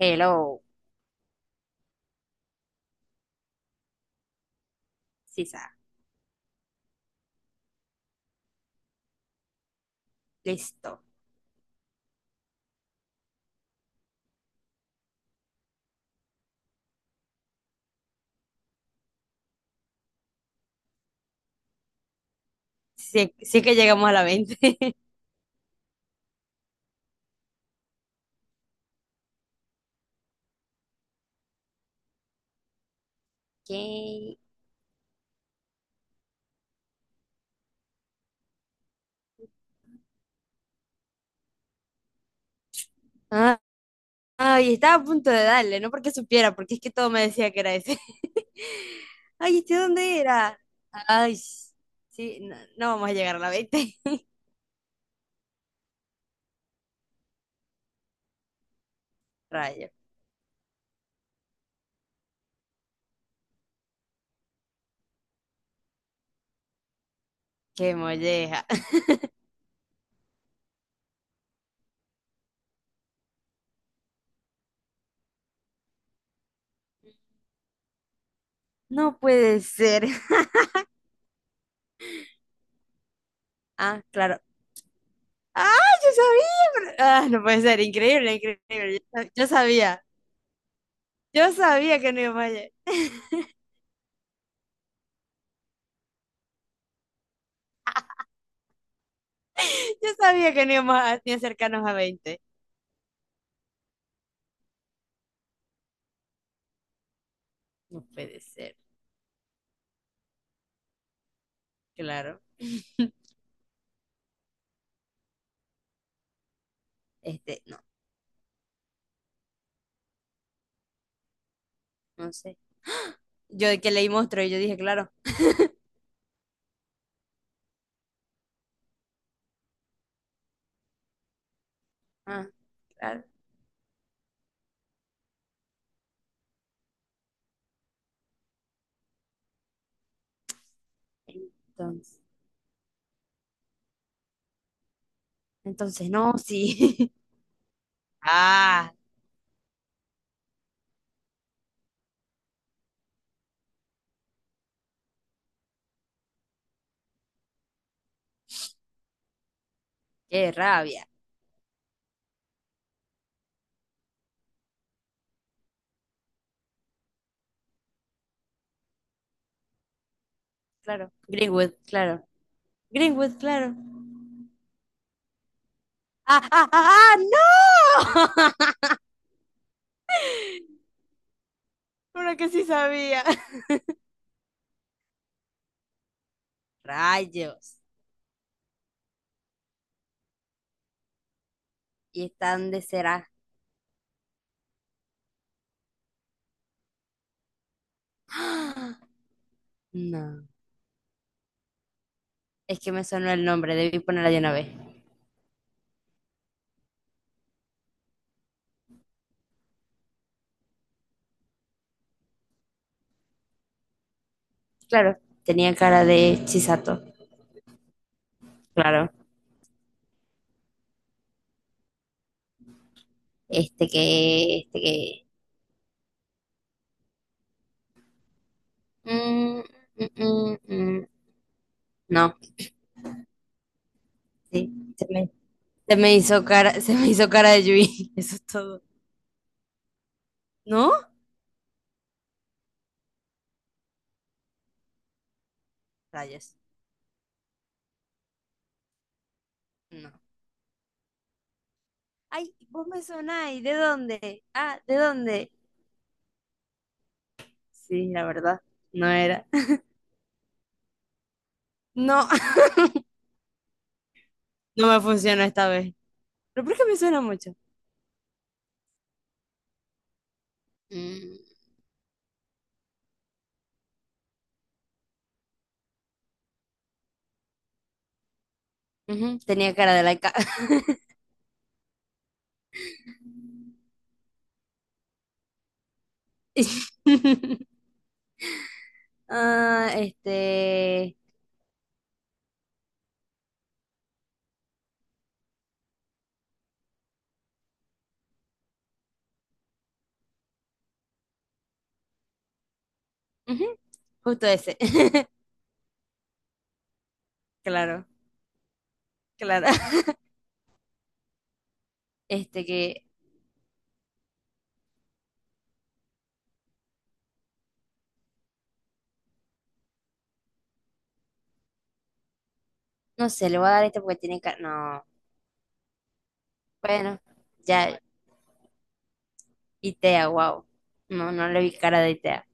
Hello, Sisa. Listo. Sí, si es que llegamos a la 20. Ok. Ah, ay, estaba a punto de darle, no porque supiera, porque es que todo me decía que era ese. Ay, ¿este dónde era? Ay, sí, no, no vamos a llegar a la 20. Rayo, qué molleja. No puede ser. Ah, claro. Ah, yo sabía. Ah, no puede ser, increíble, increíble. Yo sabía que no íbamos a llegar. Yo sabía que no íbamos a ni acercarnos a 20. No puede ser, claro. Este, no, no sé. Yo de que leí monstruo y yo dije, claro. Ah, claro. Entonces, entonces no, sí. Ah, qué rabia. Claro. Greenwood, claro. Greenwood, claro. ¡Ah, ah, ah, ah, no! Una que sí sabía. Rayos. ¿Y están de será? ¡Ah! No. Es que me sonó el nombre, debí ponerla de una vez. Claro, tenía cara de Chisato. Claro. Este que, este que. Mm, mm, mm, mm. No, sí. Se me, se me hizo cara, se me hizo cara de Yui. Eso es todo. ¿No? Rayos. No. Ay, vos me sonáis. ¿De dónde? Ah, ¿de dónde? Sí, la verdad. No era. No, no me funcionó esta vez. Pero ¿por qué me suena mucho? Mm, ujú, tenía cara de laica. Ah, este. Ujú, justo ese. Claro, claro. Este que, no sé, le voy a dar este porque tiene cara. No, bueno, ya, Itea, wow. No, no le vi cara de Itea.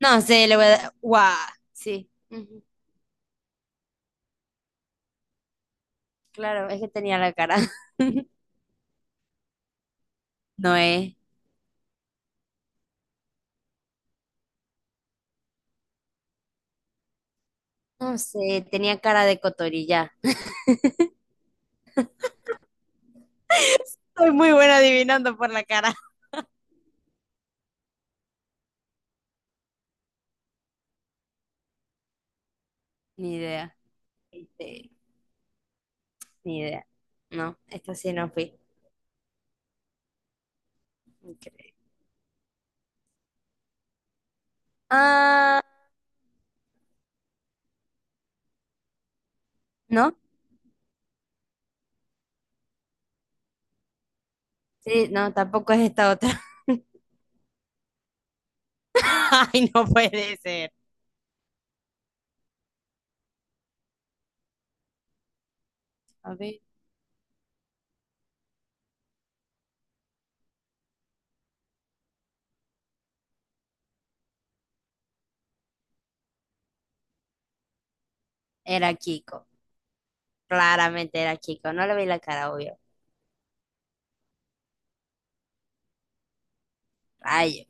No sé, le voy a dar. ¡Guau! Sí, ujú, claro, es que tenía la cara. No es. No sé, tenía cara de cotorilla. Soy muy buena adivinando por la cara. Ni idea. Este, ni idea. No, esta sí no fui. Increíble. Ah, no. Sí, no, tampoco es esta otra. Ay, no puede ser. A ver. Era Kiko. Claramente era chico, no le vi la cara, obvio. Rayo.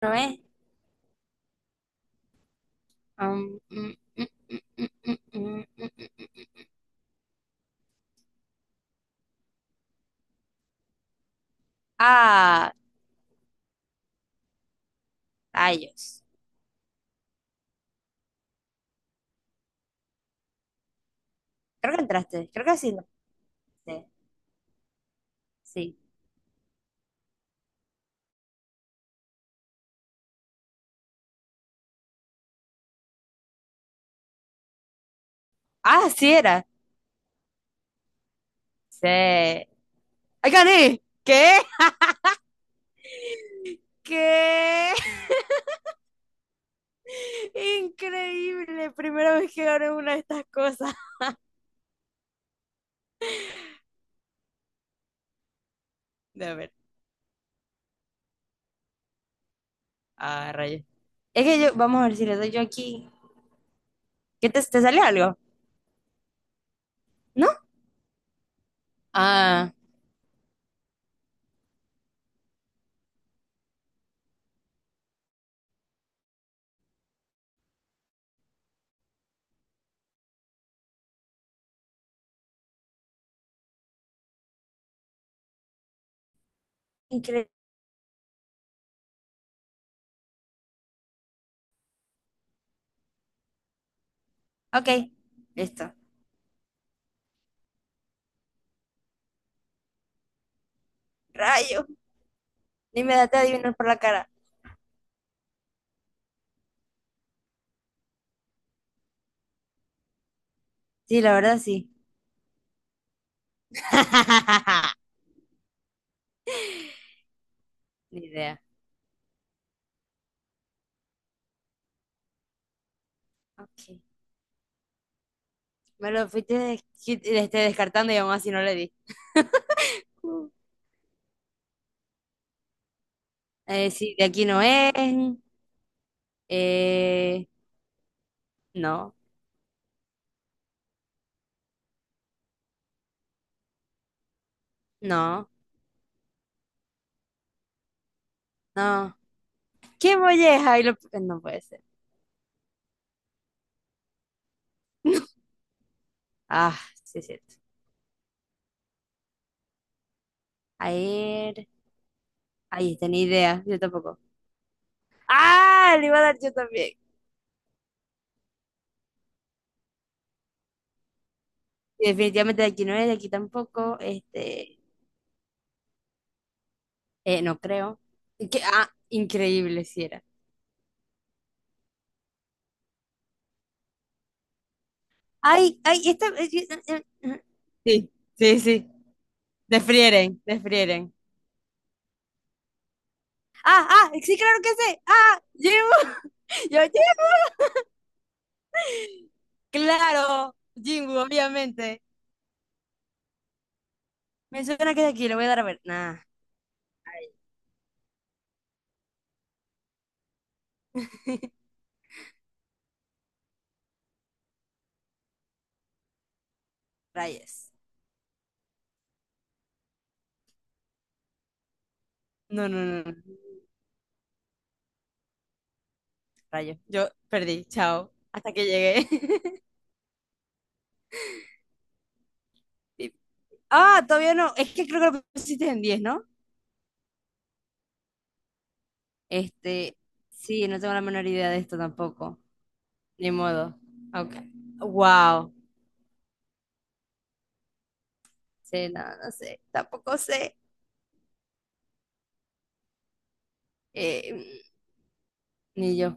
¿No es? Mm, mm, mm, mm, mm, mm, mm, mm. Ah, rayos. Creo que entraste, creo que sí entraste. Sí, sí. Ah, sí era. Sí. ¡Ay, gané! ¿Qué? ¿Qué? Increíble. Primera vez que gano una de estas cosas. De a ver. Ah, rayos. Es que yo, vamos a ver si le doy yo aquí. ¿Qué te sale algo? ¿No? Ah, increíble. Ok, listo. Rayo. Ni me das de adivinar por la cara. Sí, la verdad sí. Ni idea. Ok. Me lo fuiste descartando y aún así no le di. Uh. Sí, de aquí no es. Eh, no, no, no. ¿Qué molleja? No puede ser. Ah, sí es cierto. A ver. Ahí está, ni idea. Yo tampoco. ¡Ah! Le iba a dar yo también. Y definitivamente de aquí no es, de aquí tampoco. Este, no creo. ¿Qué? Ah, increíble si era. Ay, ay, esta. Sí, sí, sí. Desfrieren, desfrieren. Ah, ah, sí, claro que sé. Ah, Jimbo. Yo, Jim. Claro, Jimbo, obviamente. Me suena que es de aquí, lo voy a dar a ver. Nah, rayes. No, no, no, no. Rayo. Yo perdí, chao. Hasta que llegué. Pip. Ah, todavía no. Es que creo que lo pusiste en 10, ¿no? Este, sí, no tengo la menor idea de esto tampoco. Ni modo. Ok. Wow. Sí, no, no sé, tampoco sé. Eh, Ni yo.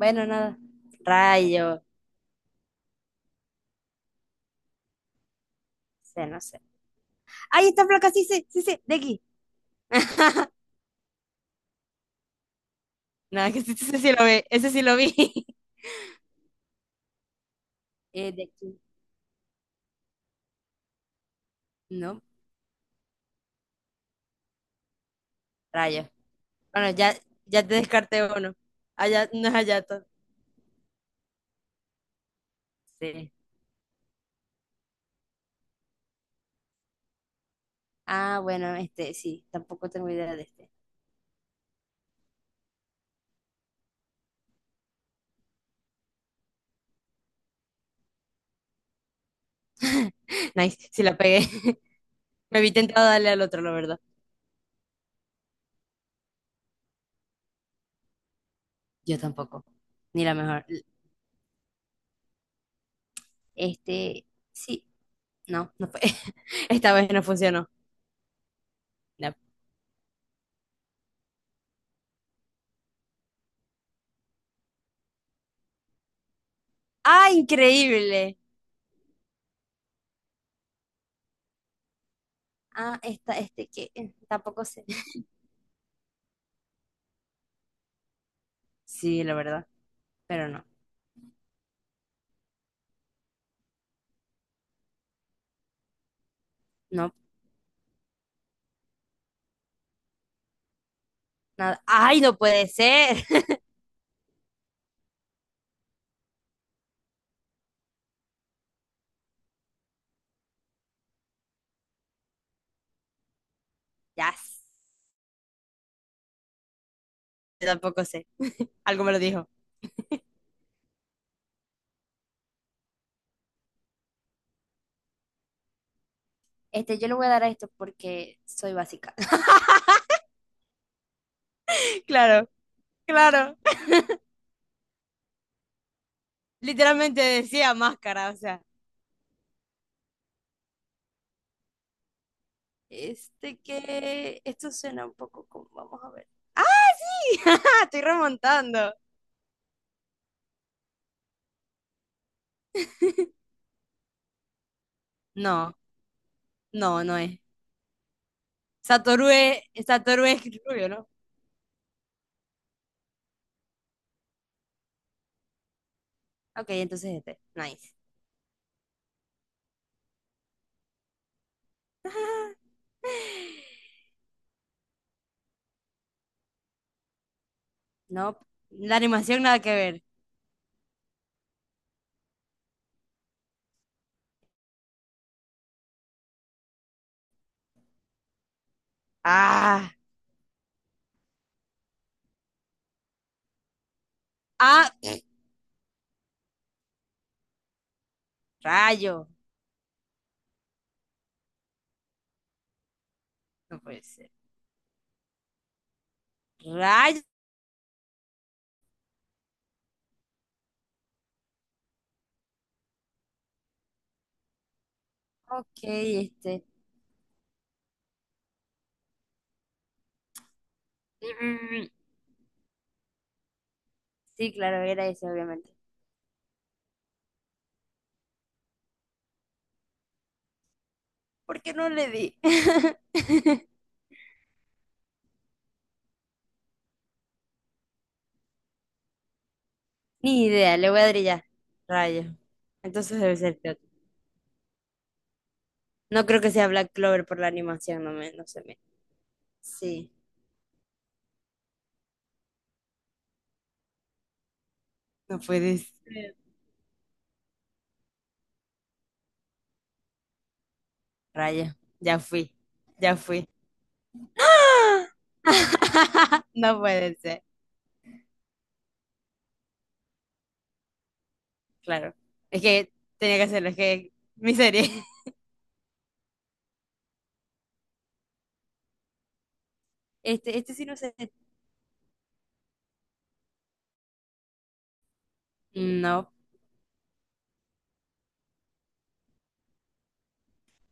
Bueno, nada. Rayo. Sé, no sé. ¡Ay, está flaca! Sí, sí, sí, sí, de aquí. Nada, que ese sí lo vi. De aquí. No, rayo. Bueno, ya, ya te descarté uno. Allá, no es Hayato. Sí. Ah, bueno, este, sí, tampoco tengo idea de este. Nice, sí la pegué. Me vi tentado a darle al otro, la verdad. Yo tampoco. Ni la mejor. Este, sí, no, no fue. Esta vez no funcionó. No. ¡Ah, increíble! Ah, esta, este que tampoco sé. Sí, la verdad, pero no, no, nada. ¡Ay, no puede ser! Ya, tampoco sé. Algo me lo dijo. Este, yo le voy a dar a esto porque soy básica. Claro, claro. Literalmente decía máscara, o sea. Este que, esto suena un poco como, vamos a ver. ¡Ah, sí! Estoy remontando. No, no, no es. Satoru es rubio, ¿no? Ok, entonces este. Nice. No, la animación nada que ver. Ah, ah, rayo. No puede ser. Rayo. Ok, este. mm, Sí, claro, era ese, obviamente. ¿Por qué no le di? Ni idea, le voy a dar y ya. Rayo. Entonces debe ser peor. No creo que sea Black Clover por la animación, no se me. Sí, no puede ser. Rayo, ya fui, ya fui. No puede ser, claro. Es que tenía que hacerlo, es que mi serie. Este sí no sé. No.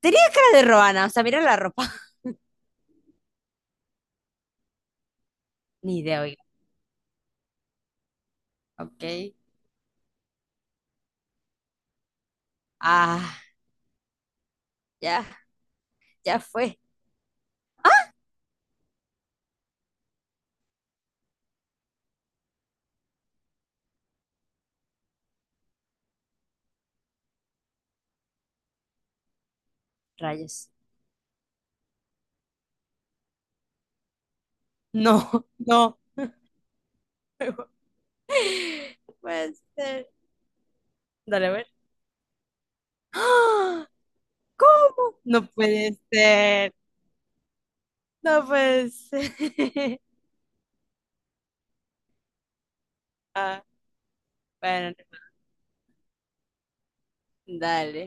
Tenía cara de Roana, o sea, mira la ropa. Ni idea, oiga. Ok. Ah, ya, ya fue. Rayos. No, no. No puede ser. Dale a ver. ¡Ah! ¿Cómo? No puede ser. No puede ser. Ah, bueno, dale.